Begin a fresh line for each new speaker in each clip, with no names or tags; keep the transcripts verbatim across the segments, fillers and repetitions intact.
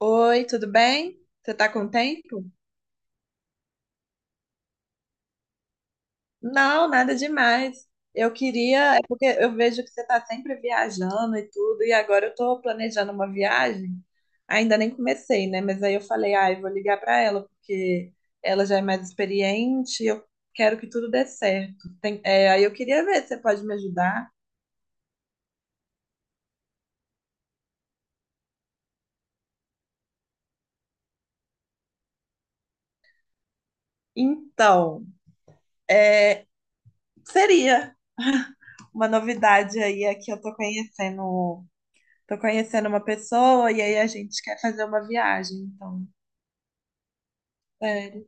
Oi, tudo bem? Você tá com tempo? Não, nada demais. Eu queria, é porque eu vejo que você tá sempre viajando e tudo, e agora eu tô planejando uma viagem. Ainda nem comecei, né? Mas aí eu falei, ah, eu vou ligar pra ela, porque ela já é mais experiente, eu quero que tudo dê certo. Tem- é, aí eu queria ver se você pode me ajudar. Então, é, seria uma novidade aí, é que eu tô conhecendo. Tô conhecendo uma pessoa e aí a gente quer fazer uma viagem, então, sério.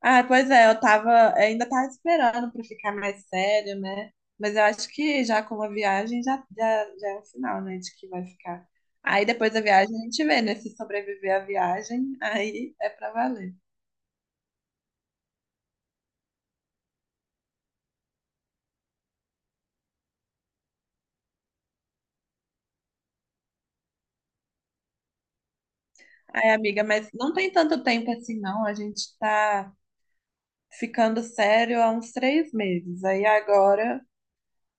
Ah, pois é, eu tava, ainda tava esperando pra ficar mais sério, né? Mas eu acho que já com uma viagem já, já, já é um sinal, né, de que vai ficar. Aí depois da viagem a gente vê, né, se sobreviver à viagem, aí é pra valer. Ai, amiga, mas não tem tanto tempo assim, não. A gente tá ficando sério há uns três meses. Aí agora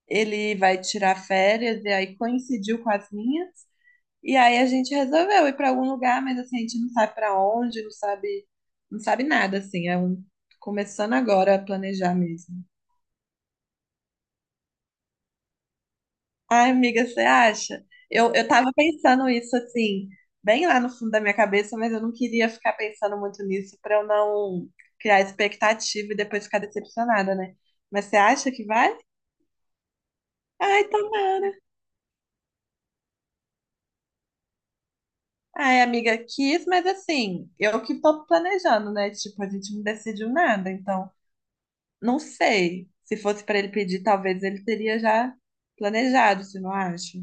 ele vai tirar férias e aí coincidiu com as minhas. E aí a gente resolveu ir para algum lugar, mas assim, a gente não sabe para onde, não sabe, não sabe nada, assim, é um começando agora a planejar mesmo. Ai, amiga, você acha? Eu, eu tava pensando isso assim, bem lá no fundo da minha cabeça, mas eu não queria ficar pensando muito nisso para eu não criar expectativa e depois ficar decepcionada, né? Mas você acha que vai? Ai, tomara. Ai, amiga, quis, mas assim, eu que tô planejando, né? Tipo, a gente não decidiu nada, então. Não sei. Se fosse para ele pedir, talvez ele teria já planejado, se não acha?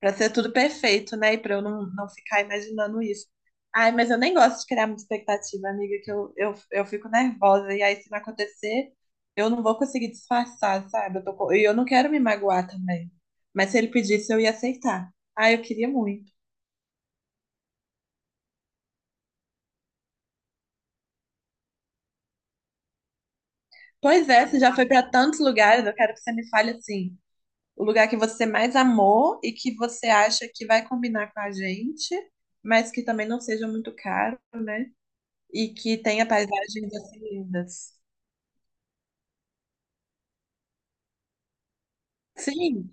Para ser tudo perfeito, né? E para eu não, não ficar imaginando isso. Ai, mas eu nem gosto de criar muita expectativa, amiga, que eu, eu, eu fico nervosa. E aí, se não acontecer, eu não vou conseguir disfarçar, sabe? Eu tô, co- e eu não quero me magoar também. Mas se ele pedisse, eu ia aceitar. Ai, eu queria muito. Pois é, você já foi para tantos lugares, eu quero que você me fale assim o lugar que você mais amou e que você acha que vai combinar com a gente, mas que também não seja muito caro, né? E que tenha paisagens assim lindas. Sim,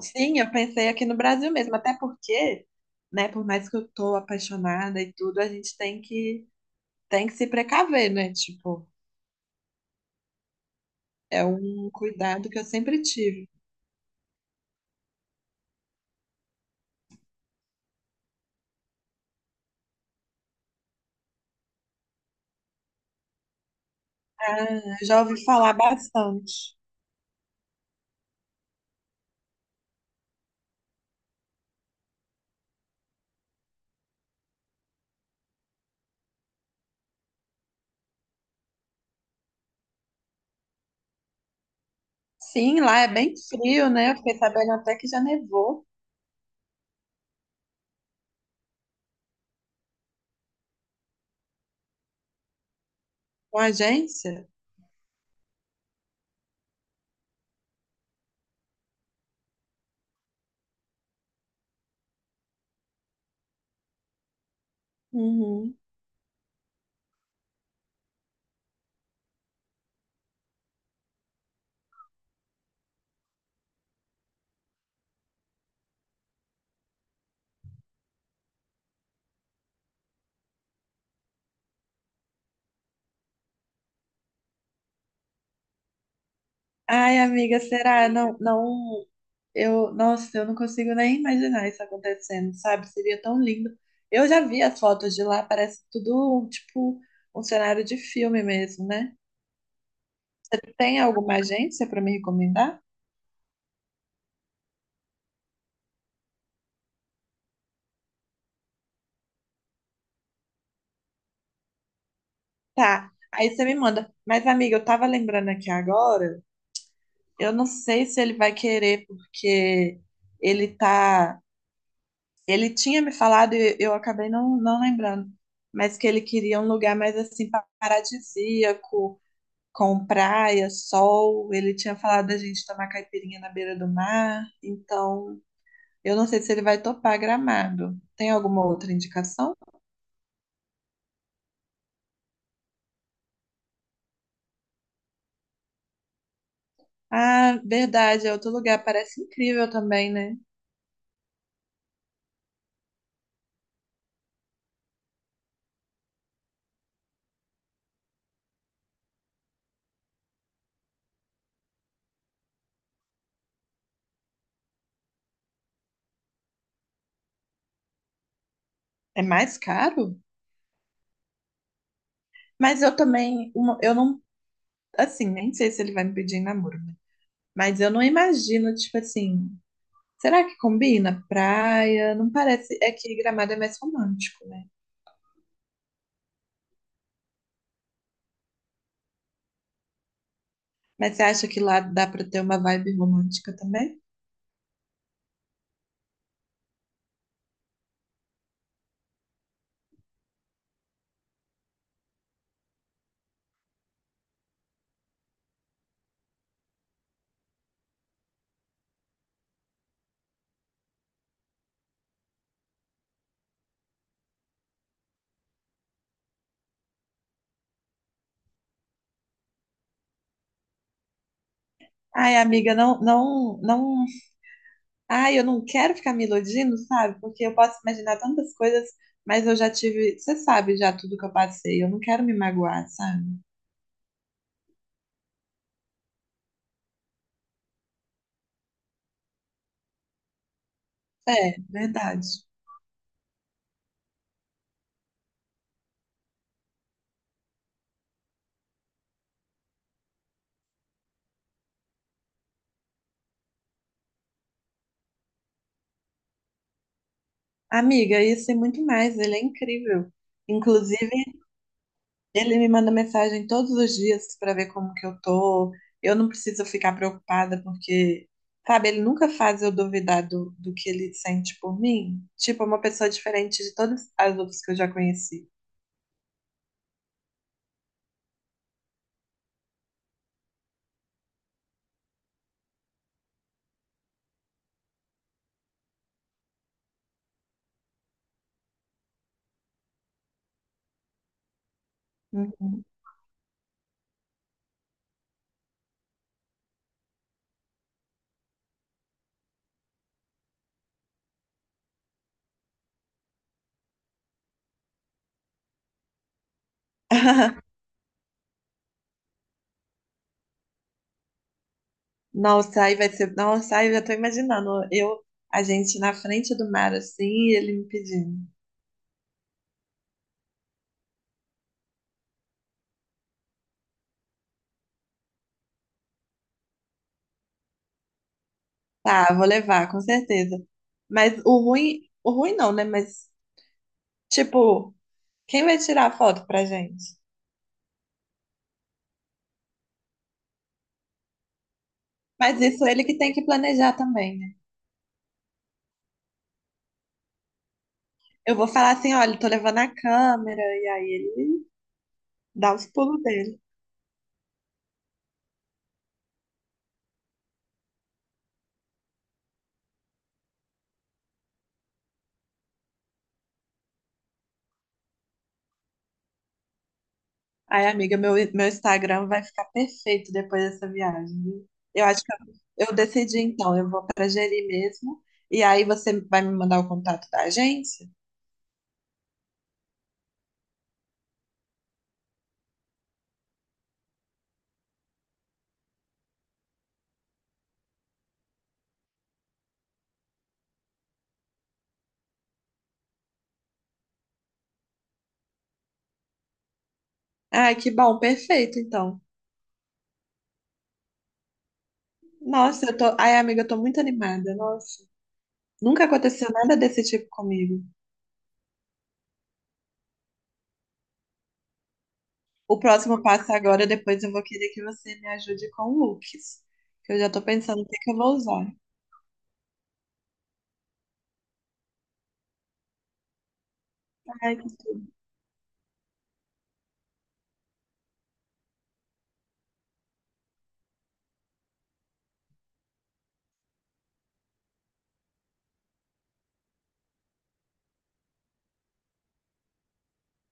sim, eu pensei aqui no Brasil mesmo, até porque, né, por mais que eu tô apaixonada e tudo, a gente tem que tem que se precaver, né? Tipo, é um cuidado que eu sempre tive. Ah, já ouvi falar bastante. Sim, lá é bem frio, né? Eu fiquei sabendo até que já nevou com a agência. Uhum. Ai, amiga, será? Não, não, eu, nossa, eu não consigo nem imaginar isso acontecendo, sabe? Seria tão lindo. Eu já vi as fotos de lá, parece tudo um, tipo um cenário de filme mesmo, né? Você tem alguma agência para me recomendar? Tá. Aí você me manda. Mas, amiga, eu tava lembrando aqui agora, eu não sei se ele vai querer, porque ele tá. Ele tinha me falado e eu acabei não, não lembrando, mas que ele queria um lugar mais assim paradisíaco com praia, sol. Ele tinha falado da gente tomar caipirinha na beira do mar. Então, eu não sei se ele vai topar Gramado. Tem alguma outra indicação? Ah, verdade, é outro lugar. Parece incrível também, né? É mais caro? Mas eu também, uma- eu não, assim, nem sei se ele vai me pedir em namoro, né? Mas eu não imagino, tipo assim, será que combina? Praia, não parece, é que Gramado é mais romântico, né? Mas você acha que lá dá pra ter uma vibe romântica também? Ai, amiga, não, não, não. Ai, eu não quero ficar me iludindo, sabe? Porque eu posso imaginar tantas coisas, mas eu já tive. Você sabe já tudo que eu passei. Eu não quero me magoar, sabe? É, verdade. Amiga, isso e muito mais. Ele é incrível. Inclusive, ele me manda mensagem todos os dias pra ver como que eu tô. Eu não preciso ficar preocupada porque, sabe, ele nunca faz eu duvidar do, do que ele sente por mim. Tipo, é uma pessoa diferente de todas as outras que eu já conheci. Nossa, aí vai ser. Nossa, aí eu já tô imaginando. Eu, a gente na frente do mar, assim, e ele me pedindo. Tá, vou levar, com certeza. Mas o ruim, o ruim não, né? Mas, tipo, quem vai tirar a foto pra gente? Mas isso ele que tem que planejar também, né? Eu vou falar assim, olha, tô levando a câmera, e aí ele dá os pulos dele. Ai, amiga, meu, meu Instagram vai ficar perfeito depois dessa viagem, viu? Eu acho que eu, eu decidi, então, eu vou para Jeri mesmo, e aí você vai me mandar o contato da agência? Ai, que bom, perfeito, então. Nossa, eu tô. Ai, amiga, eu tô muito animada, nossa. Nunca aconteceu nada desse tipo comigo. O próximo passo agora, depois eu vou querer que você me ajude com looks, que eu já tô pensando o que que eu vou usar. Ai, que tudo.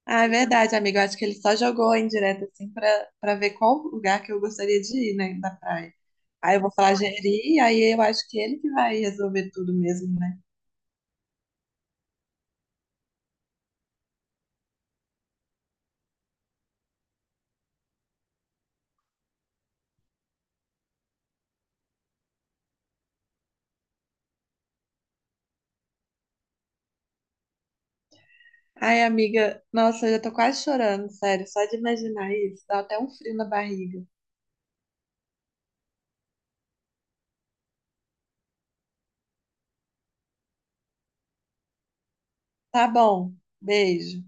Ah, é verdade, amigo. Eu acho que ele só jogou a indireta assim pra, pra ver qual lugar que eu gostaria de ir, né, da praia. Aí eu vou falar Jeri, aí eu acho que ele que vai resolver tudo mesmo, né? Ai, amiga, nossa, eu já tô quase chorando, sério. Só de imaginar isso, dá até um frio na barriga. Tá bom, beijo.